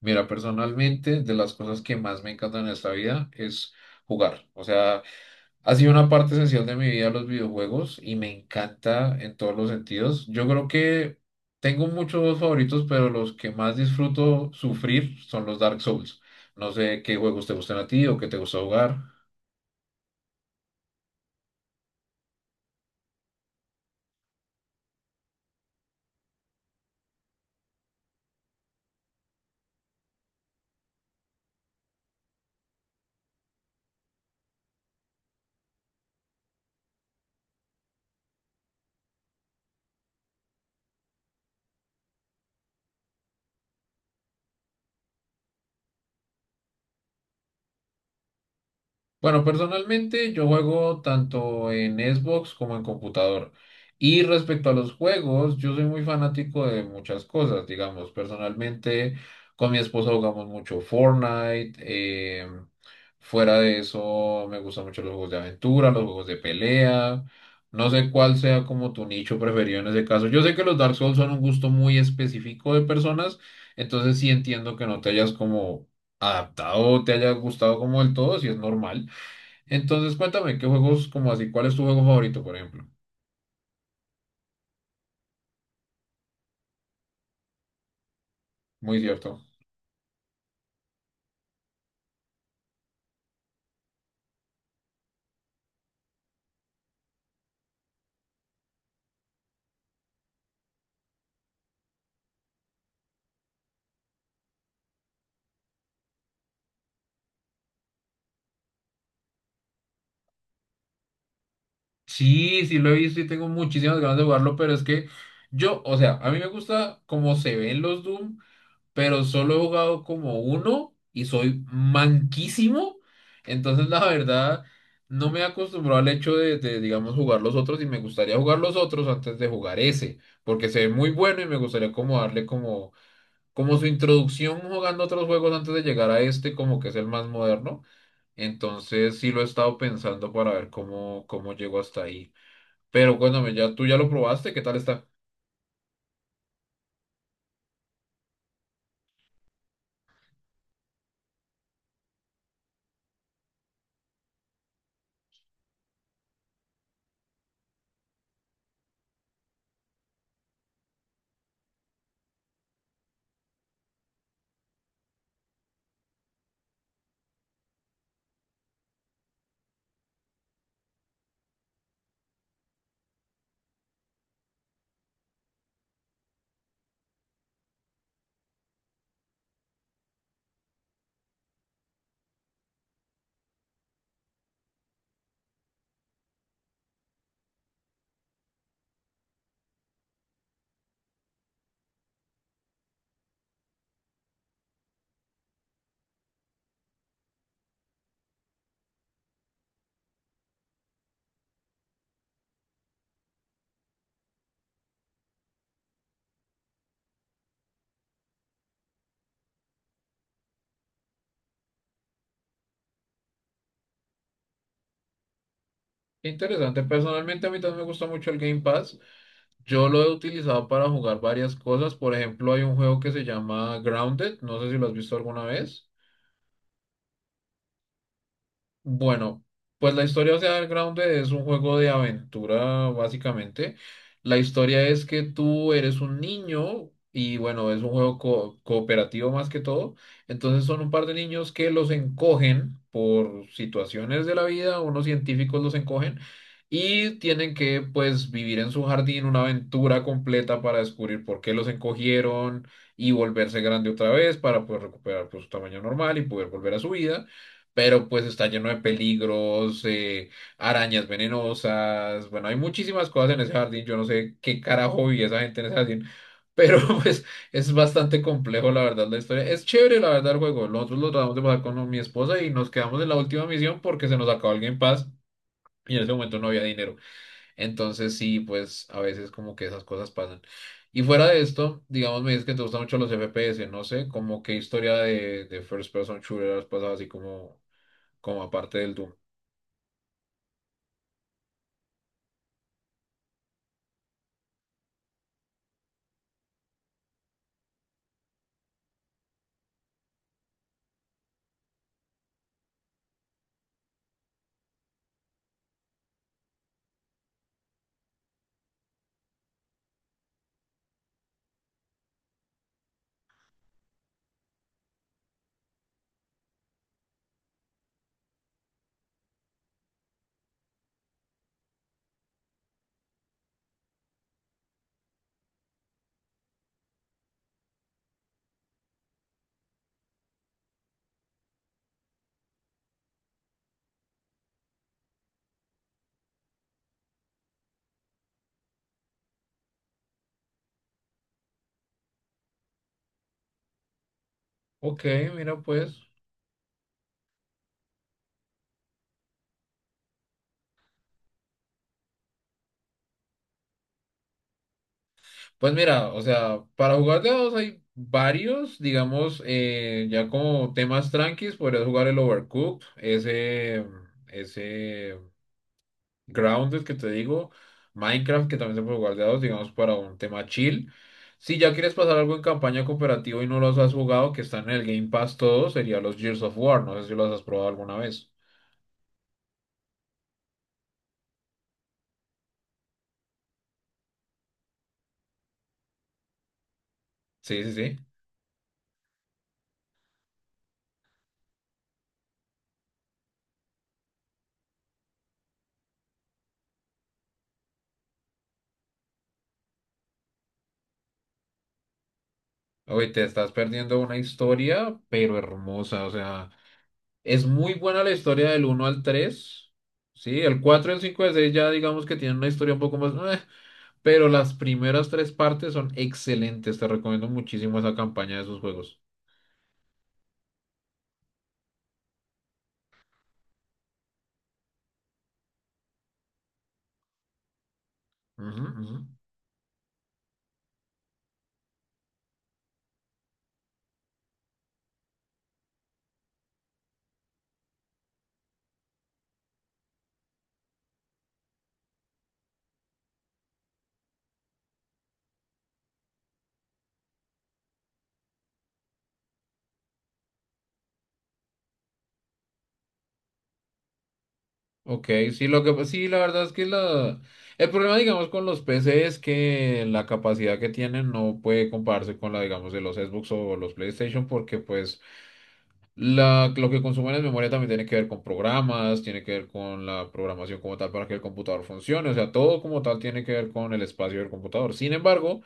Mira, personalmente, de las cosas que más me encantan en esta vida es jugar. O sea, ha sido una parte esencial de mi vida los videojuegos y me encanta en todos los sentidos. Yo creo que tengo muchos favoritos, pero los que más disfruto sufrir son los Dark Souls. No sé qué juegos te gustan a ti o qué te gusta jugar. Bueno, personalmente yo juego tanto en Xbox como en computador. Y respecto a los juegos, yo soy muy fanático de muchas cosas, digamos, personalmente con mi esposa jugamos mucho Fortnite. Fuera de eso me gustan mucho los juegos de aventura, los juegos de pelea, no sé cuál sea como tu nicho preferido en ese caso. Yo sé que los Dark Souls son un gusto muy específico de personas, entonces sí entiendo que no te hayas como adaptado, te haya gustado como del todo, si es normal. Entonces, cuéntame, ¿qué juegos, como así, cuál es tu juego favorito, por ejemplo? Muy cierto. Sí, sí lo he visto y tengo muchísimas ganas de jugarlo, pero es que yo, o sea, a mí me gusta cómo se ven los Doom, pero solo he jugado como uno y soy manquísimo. Entonces, la verdad, no me he acostumbrado al hecho de, digamos, jugar los otros y me gustaría jugar los otros antes de jugar ese, porque se ve muy bueno y me gustaría como darle como su introducción jugando otros juegos antes de llegar a este, como que es el más moderno. Entonces sí lo he estado pensando para ver cómo llego hasta ahí. Pero cuéntame, ya, tú ya lo probaste, ¿qué tal está? Qué interesante. Personalmente a mí también me gusta mucho el Game Pass. Yo lo he utilizado para jugar varias cosas. Por ejemplo, hay un juego que se llama Grounded. No sé si lo has visto alguna vez. Bueno, pues la historia de Underground es un juego de aventura, básicamente. La historia es que tú eres un niño y bueno, es un juego cooperativo más que todo. Entonces son un par de niños que los encogen por situaciones de la vida, unos científicos los encogen y tienen que pues vivir en su jardín una aventura completa para descubrir por qué los encogieron y volverse grande otra vez para poder recuperar, pues, su tamaño normal y poder volver a su vida, pero pues está lleno de peligros, arañas venenosas. Bueno, hay muchísimas cosas en ese jardín, yo no sé qué carajo vivía esa gente en ese jardín, pero pues es bastante complejo la verdad la historia. Es chévere la verdad el juego, nosotros lo tratamos de pasar con mi esposa y nos quedamos en la última misión porque se nos acabó el Game Pass y en ese momento no había dinero. Entonces sí, pues a veces como que esas cosas pasan. Y fuera de esto, digamos, me dices que te gustan mucho los FPS, no sé, como qué historia de first person shooter has pasado así como aparte del Doom. Ok, mira pues. Pues mira, o sea, para jugar de a dos hay varios, digamos, ya como temas tranquis, podrías jugar el Overcooked, ese, Grounded que te digo, Minecraft que también se puede jugar de a dos, digamos, para un tema chill. Si ya quieres pasar algo en campaña cooperativa y no los has jugado, que están en el Game Pass todos, sería los Gears of War, no sé si los has probado alguna vez. Sí, sí, sí. Oye, te estás perdiendo una historia, pero hermosa, o sea. Es muy buena la historia del uno al tres. Sí, el cuatro, el 5 y el 6 ya digamos que tienen una historia un poco más... "eh", pero las primeras tres partes son excelentes. Te recomiendo muchísimo esa campaña de esos juegos. Ujú, ujú. Ok, sí, lo que, sí, la verdad es que la, el problema, digamos, con los PC es que la capacidad que tienen no puede compararse con la, digamos, de los Xbox o los PlayStation porque pues, lo que consumen en memoria también tiene que ver con programas, tiene que ver con la programación como tal para que el computador funcione, o sea, todo como tal tiene que ver con el espacio del computador. Sin embargo,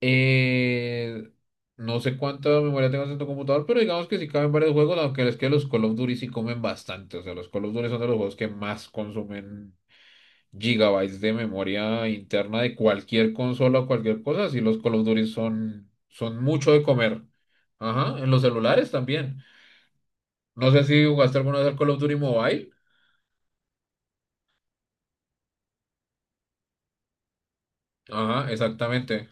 eh, no sé cuánta memoria tengas en tu computador, pero digamos que sí caben varios juegos, aunque es que los Call of Duty sí comen bastante, o sea, los Call of Duty son de los juegos que más consumen gigabytes de memoria interna de cualquier consola o cualquier cosa, sí los Call of Duty son, son mucho de comer. Ajá, en los celulares también. No sé si jugaste alguna vez al Call of Duty Mobile. Ajá, exactamente.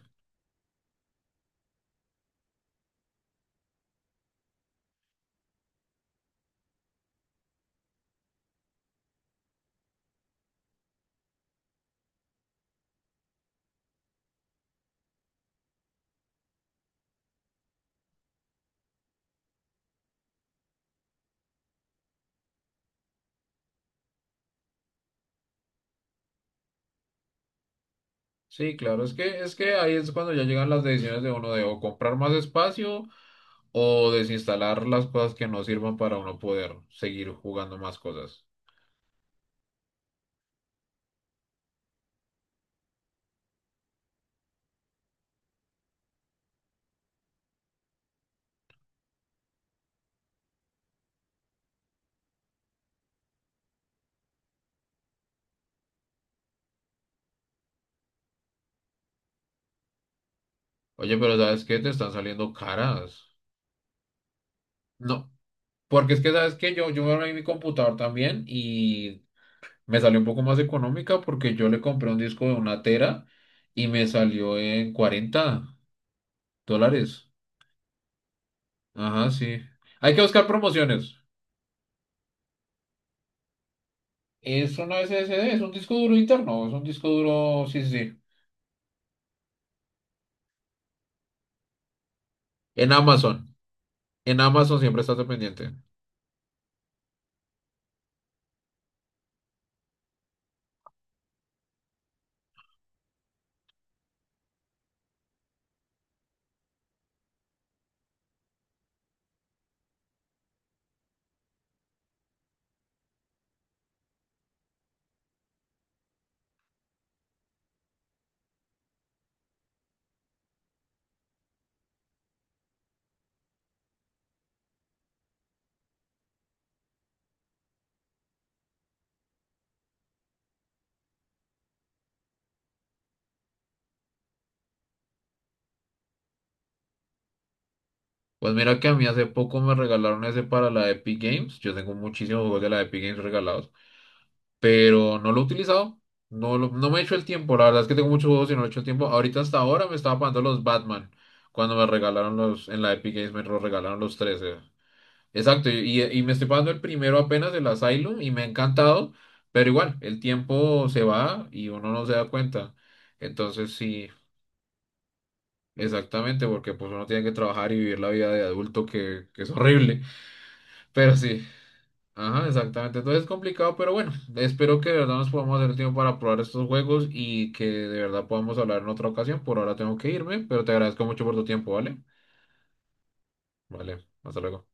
Sí, claro, es que, ahí es cuando ya llegan las decisiones de uno de o comprar más espacio o desinstalar las cosas que no sirvan para uno poder seguir jugando más cosas. Oye, pero ¿sabes qué? Te están saliendo caras. No, porque es que, ¿sabes que Yo me abrí mi computador también y me salió un poco más económica porque yo le compré un disco de una tera y me salió en $40. Ajá, sí. Hay que buscar promociones. Es una SSD, es un disco duro interno, es un disco duro, sí, sí, sí. En Amazon, en Amazon siempre estás pendiente. Pues mira que a mí hace poco me regalaron ese para la Epic Games. Yo tengo muchísimos juegos de la Epic Games regalados, pero no lo he utilizado. No, no me he hecho el tiempo. La verdad es que tengo muchos juegos y no he hecho el tiempo. Ahorita hasta ahora me estaba pagando los Batman. Cuando me regalaron en la Epic Games, me los regalaron los 13. Exacto, y me estoy pasando el primero apenas, el Asylum, y me ha encantado, pero igual, el tiempo se va y uno no se da cuenta. Entonces sí, exactamente, porque pues uno tiene que trabajar y vivir la vida de adulto que es horrible, pero sí, ajá, exactamente. Entonces es complicado, pero bueno, espero que de verdad nos podamos hacer tiempo para probar estos juegos y que de verdad podamos hablar en otra ocasión. Por ahora tengo que irme, pero te agradezco mucho por tu tiempo, ¿vale? Vale, hasta luego.